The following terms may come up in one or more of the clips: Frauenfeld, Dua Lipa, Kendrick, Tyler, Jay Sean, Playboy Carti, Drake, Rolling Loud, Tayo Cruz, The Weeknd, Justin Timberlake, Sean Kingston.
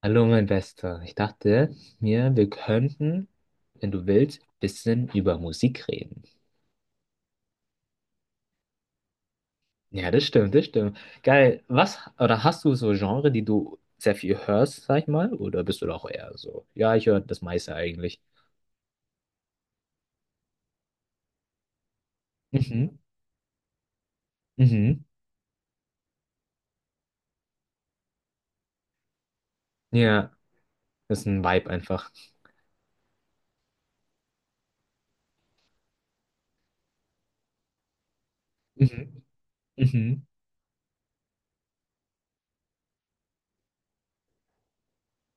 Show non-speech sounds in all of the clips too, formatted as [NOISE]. Hallo, mein Bester. Ich dachte mir, wir könnten, wenn du willst, ein bisschen über Musik reden. Ja, das stimmt, das stimmt. Geil. Was, oder hast du so Genre, die du sehr viel hörst, sag ich mal? Oder bist du doch eher so? Ja, ich höre das meiste eigentlich. Mhm. Mhm. Ja, das ist ein Vibe einfach. Mhm. Mhm.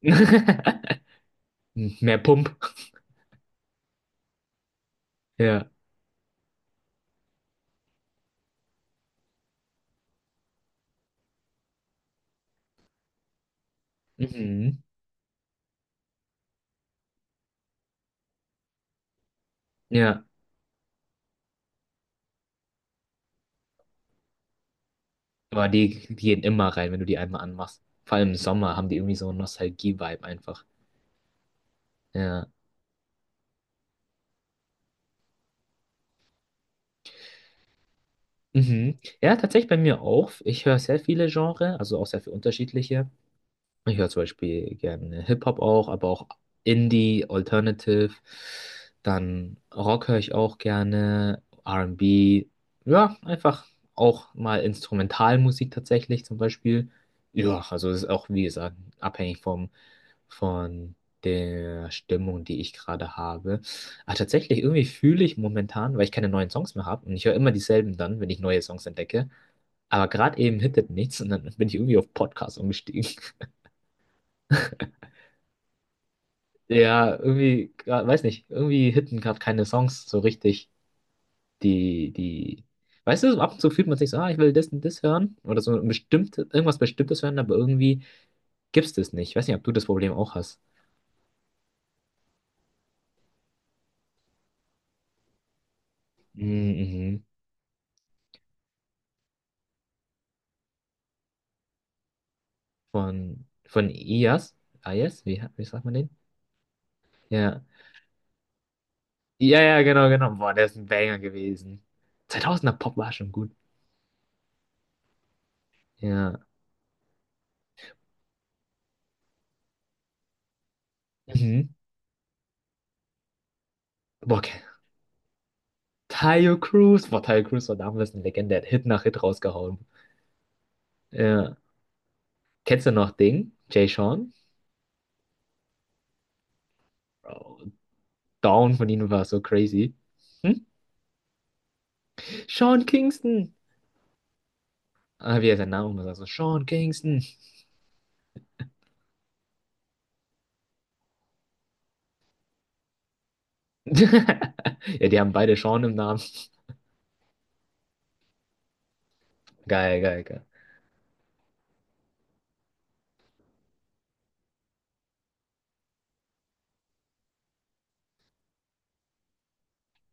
[LAUGHS] Mehr Pump. Ja. Mhm. Ja. Aber die gehen immer rein, wenn du die einmal anmachst. Vor allem im Sommer haben die irgendwie so einen Nostalgie-Vibe einfach. Ja. Mhm. Ja, tatsächlich bei mir auch. Ich höre sehr viele Genres, also auch sehr viele unterschiedliche. Ich höre zum Beispiel gerne Hip-Hop auch, aber auch Indie, Alternative. Dann Rock höre ich auch gerne, R&B. Ja, einfach auch mal Instrumentalmusik tatsächlich zum Beispiel. Ja, also es ist auch, wie gesagt, abhängig vom von der Stimmung, die ich gerade habe. Ah, tatsächlich, irgendwie fühle ich momentan, weil ich keine neuen Songs mehr habe und ich höre immer dieselben dann, wenn ich neue Songs entdecke. Aber gerade eben hittet nichts und dann bin ich irgendwie auf Podcast umgestiegen. [LAUGHS] Ja, irgendwie, weiß nicht, irgendwie hitten gerade keine Songs so richtig, die, die, weißt du, so ab und zu fühlt man sich so, ah, ich will das und das hören oder so ein bestimmtes, irgendwas Bestimmtes hören, aber irgendwie gibt's das nicht. Ich weiß nicht, ob du das Problem auch hast. Mhm. Von Ias? Ias? Wie sagt man den? Ja. Ja, ja, genau, genau. Boah, der ist ein Banger gewesen. 2000er Pop war schon gut. Ja. Mhm. Boah, okay. Tayo Cruz. Boah, Tayo Cruz war damals eine Legende. Der hat Hit nach Hit rausgehauen. Ja. Kennst du noch Ding? Jay Sean? Bro, Down von ihnen war so crazy. Hm? Sean Kingston. Ah, wie er seinen Namen immer sagt. So, Sean Kingston. [LAUGHS] Ja, die haben beide Sean im Namen. Geil, geil, geil.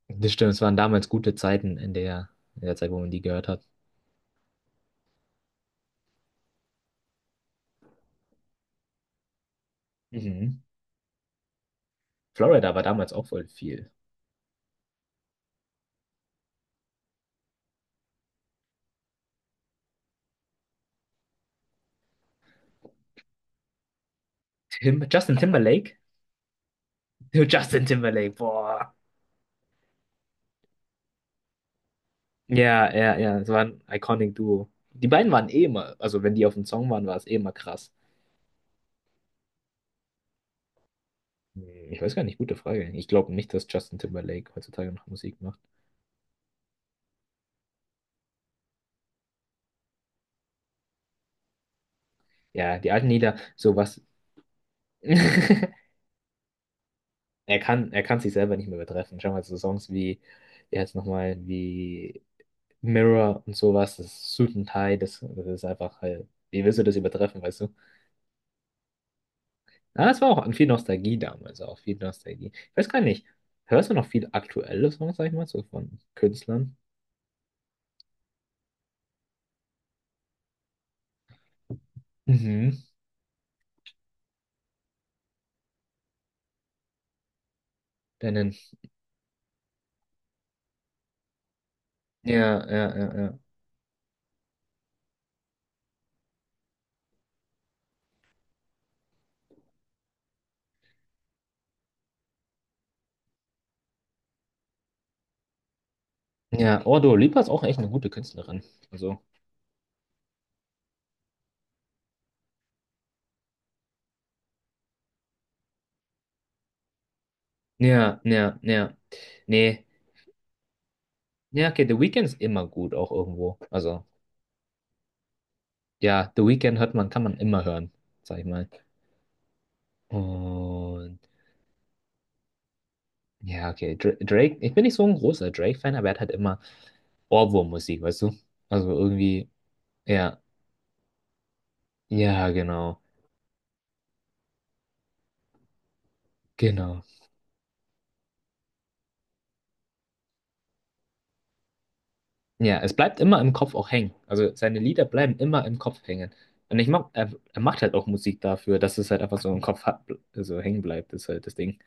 Das stimmt, es waren damals gute Zeiten in der Zeit, wo man die gehört hat. Mhm. Florida war damals auch voll viel. Justin Timberlake? [LAUGHS] Justin Timberlake, boah. Ja, ja, ja, es war ein iconic Duo. Die beiden waren eh immer, also wenn die auf dem Song waren, war es eh immer krass. Hm, Ich weiß gar nicht, gute Frage. Ich glaube nicht, dass Justin Timberlake heutzutage noch Musik macht. Ja, die alten Lieder, sowas. [LAUGHS] Er kann sich selber nicht mehr übertreffen. Schau mal, so Songs wie, wie heißt nochmal, wie Mirror und sowas, das Suit and Tie, das ist einfach halt, wie willst du das übertreffen, weißt du? Ah, es war auch an viel Nostalgie damals, auch viel Nostalgie. Ich weiß gar nicht, hörst du noch viel aktuelle Songs, sag ich mal, so von Künstlern? Mhm. Deinen. Ja, ja, ja, ja. Ja, oh, Dua Lipa ist auch echt eine gute Künstlerin. Also, ja, ja, ja. Nee, ja, okay, The Weeknd ist immer gut, auch irgendwo. Also, ja, The Weeknd hört man, kann man immer hören, sag ich mal. Und ja, okay. Drake, ich bin nicht so ein großer Drake-Fan, aber er hat halt immer Ohrwurm-Musik, weißt du? Also irgendwie, ja, ja, genau, genau. Ja, es bleibt immer im Kopf auch hängen. Also seine Lieder bleiben immer im Kopf hängen. Und ich mag, er macht halt auch Musik dafür, dass es halt einfach so im Kopf hat, so hängen bleibt, ist halt das Ding.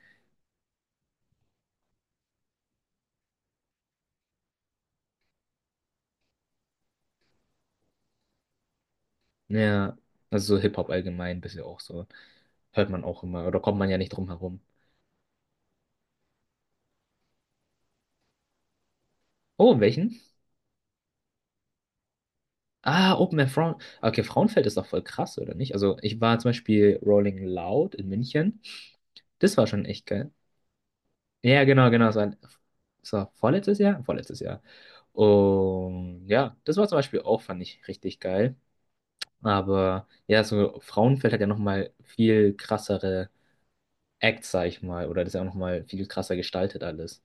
Ja, also so Hip-Hop allgemein, bisschen auch so. Hört man auch immer, oder kommt man ja nicht drum herum. Oh, in welchen? Ah, Open Air Frauen. Okay, Frauenfeld ist doch voll krass, oder nicht? Also ich war zum Beispiel Rolling Loud in München. Das war schon echt geil. Ja, genau, genau. Es war vorletztes Jahr? Vorletztes Jahr. Und ja, das war zum Beispiel auch, fand ich richtig geil. Aber ja, so Frauenfeld hat ja nochmal viel krassere Acts, sag ich mal. Oder das ist ja auch nochmal viel krasser gestaltet alles.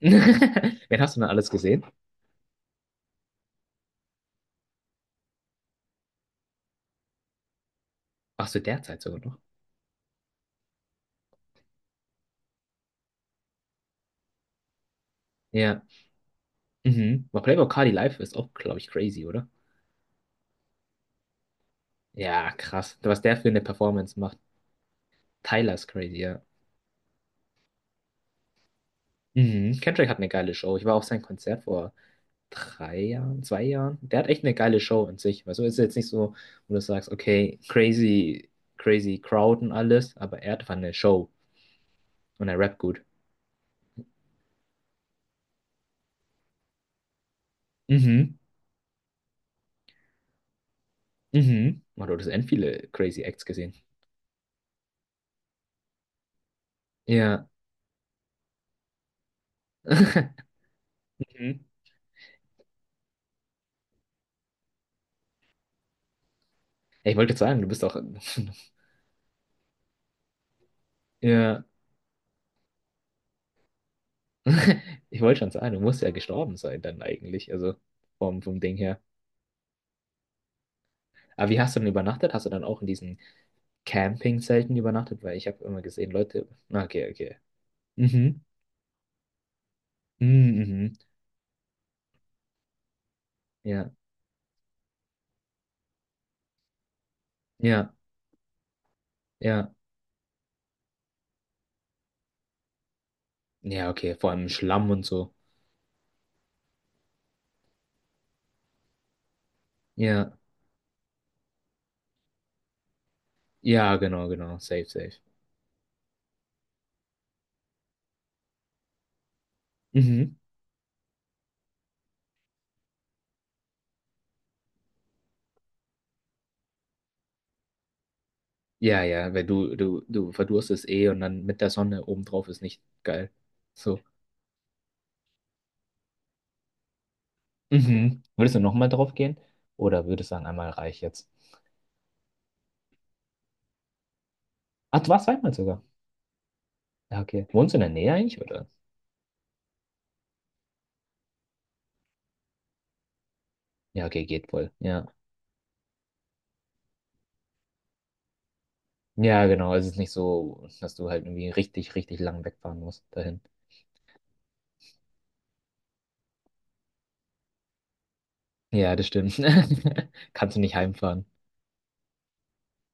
[LAUGHS] Wen hast du denn alles gesehen? Ach so, derzeit sogar noch. Ja. Mhm. Aber Playboy Carti live ist auch, glaube ich, crazy, oder? Ja, krass. Was der für eine Performance macht. Tyler ist crazy, ja. Mhm. Kendrick hat eine geile Show. Ich war auf sein Konzert vor 3 Jahren, 2 Jahren. Der hat echt eine geile Show an sich. Also ist jetzt nicht so, wo du sagst, okay, crazy, crazy Crowd und alles, aber er hat einfach eine Show und er rappt gut. Mhm, mhm. Man, du hattest end viele crazy Acts gesehen. Ja. [LAUGHS] Mhm. Ich wollte jetzt sagen, du bist doch. [LAUGHS] Ja, [LAUGHS] ich wollte schon sagen, du musst ja gestorben sein dann eigentlich, also vom Ding her. Aber wie hast du denn übernachtet? Hast du dann auch in diesen Campingzelten übernachtet? Weil ich habe immer gesehen, Leute. Ah, okay, okay. Mhm. Mhm. Ja, ja, ja. Ja, okay, vor allem im Schlamm und so. Ja, ja, genau, genau, safe, safe. Mhm. Ja, ja, weil du verdurstest eh und dann mit der Sonne obendrauf ist nicht geil. So. Mhm. Würdest du nochmal drauf gehen? Oder würdest du sagen, einmal reich jetzt? Ach, du warst zweimal sogar. Ja, okay. Wohnst du in der Nähe eigentlich, oder? Ja, okay, geht voll. Ja. Ja, genau. Es ist nicht so, dass du halt irgendwie richtig, richtig lang wegfahren musst dahin. Ja, das stimmt. [LAUGHS] Kannst du nicht heimfahren.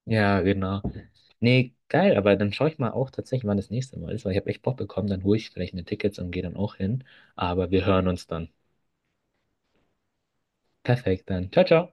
Ja, genau. Nee, geil, aber dann schaue ich mal auch tatsächlich, wann das nächste Mal ist, weil ich habe echt Bock bekommen, dann hole ich vielleicht mir Tickets und gehe dann auch hin. Aber wir hören uns dann. Perfekt, dann. Ciao, ciao.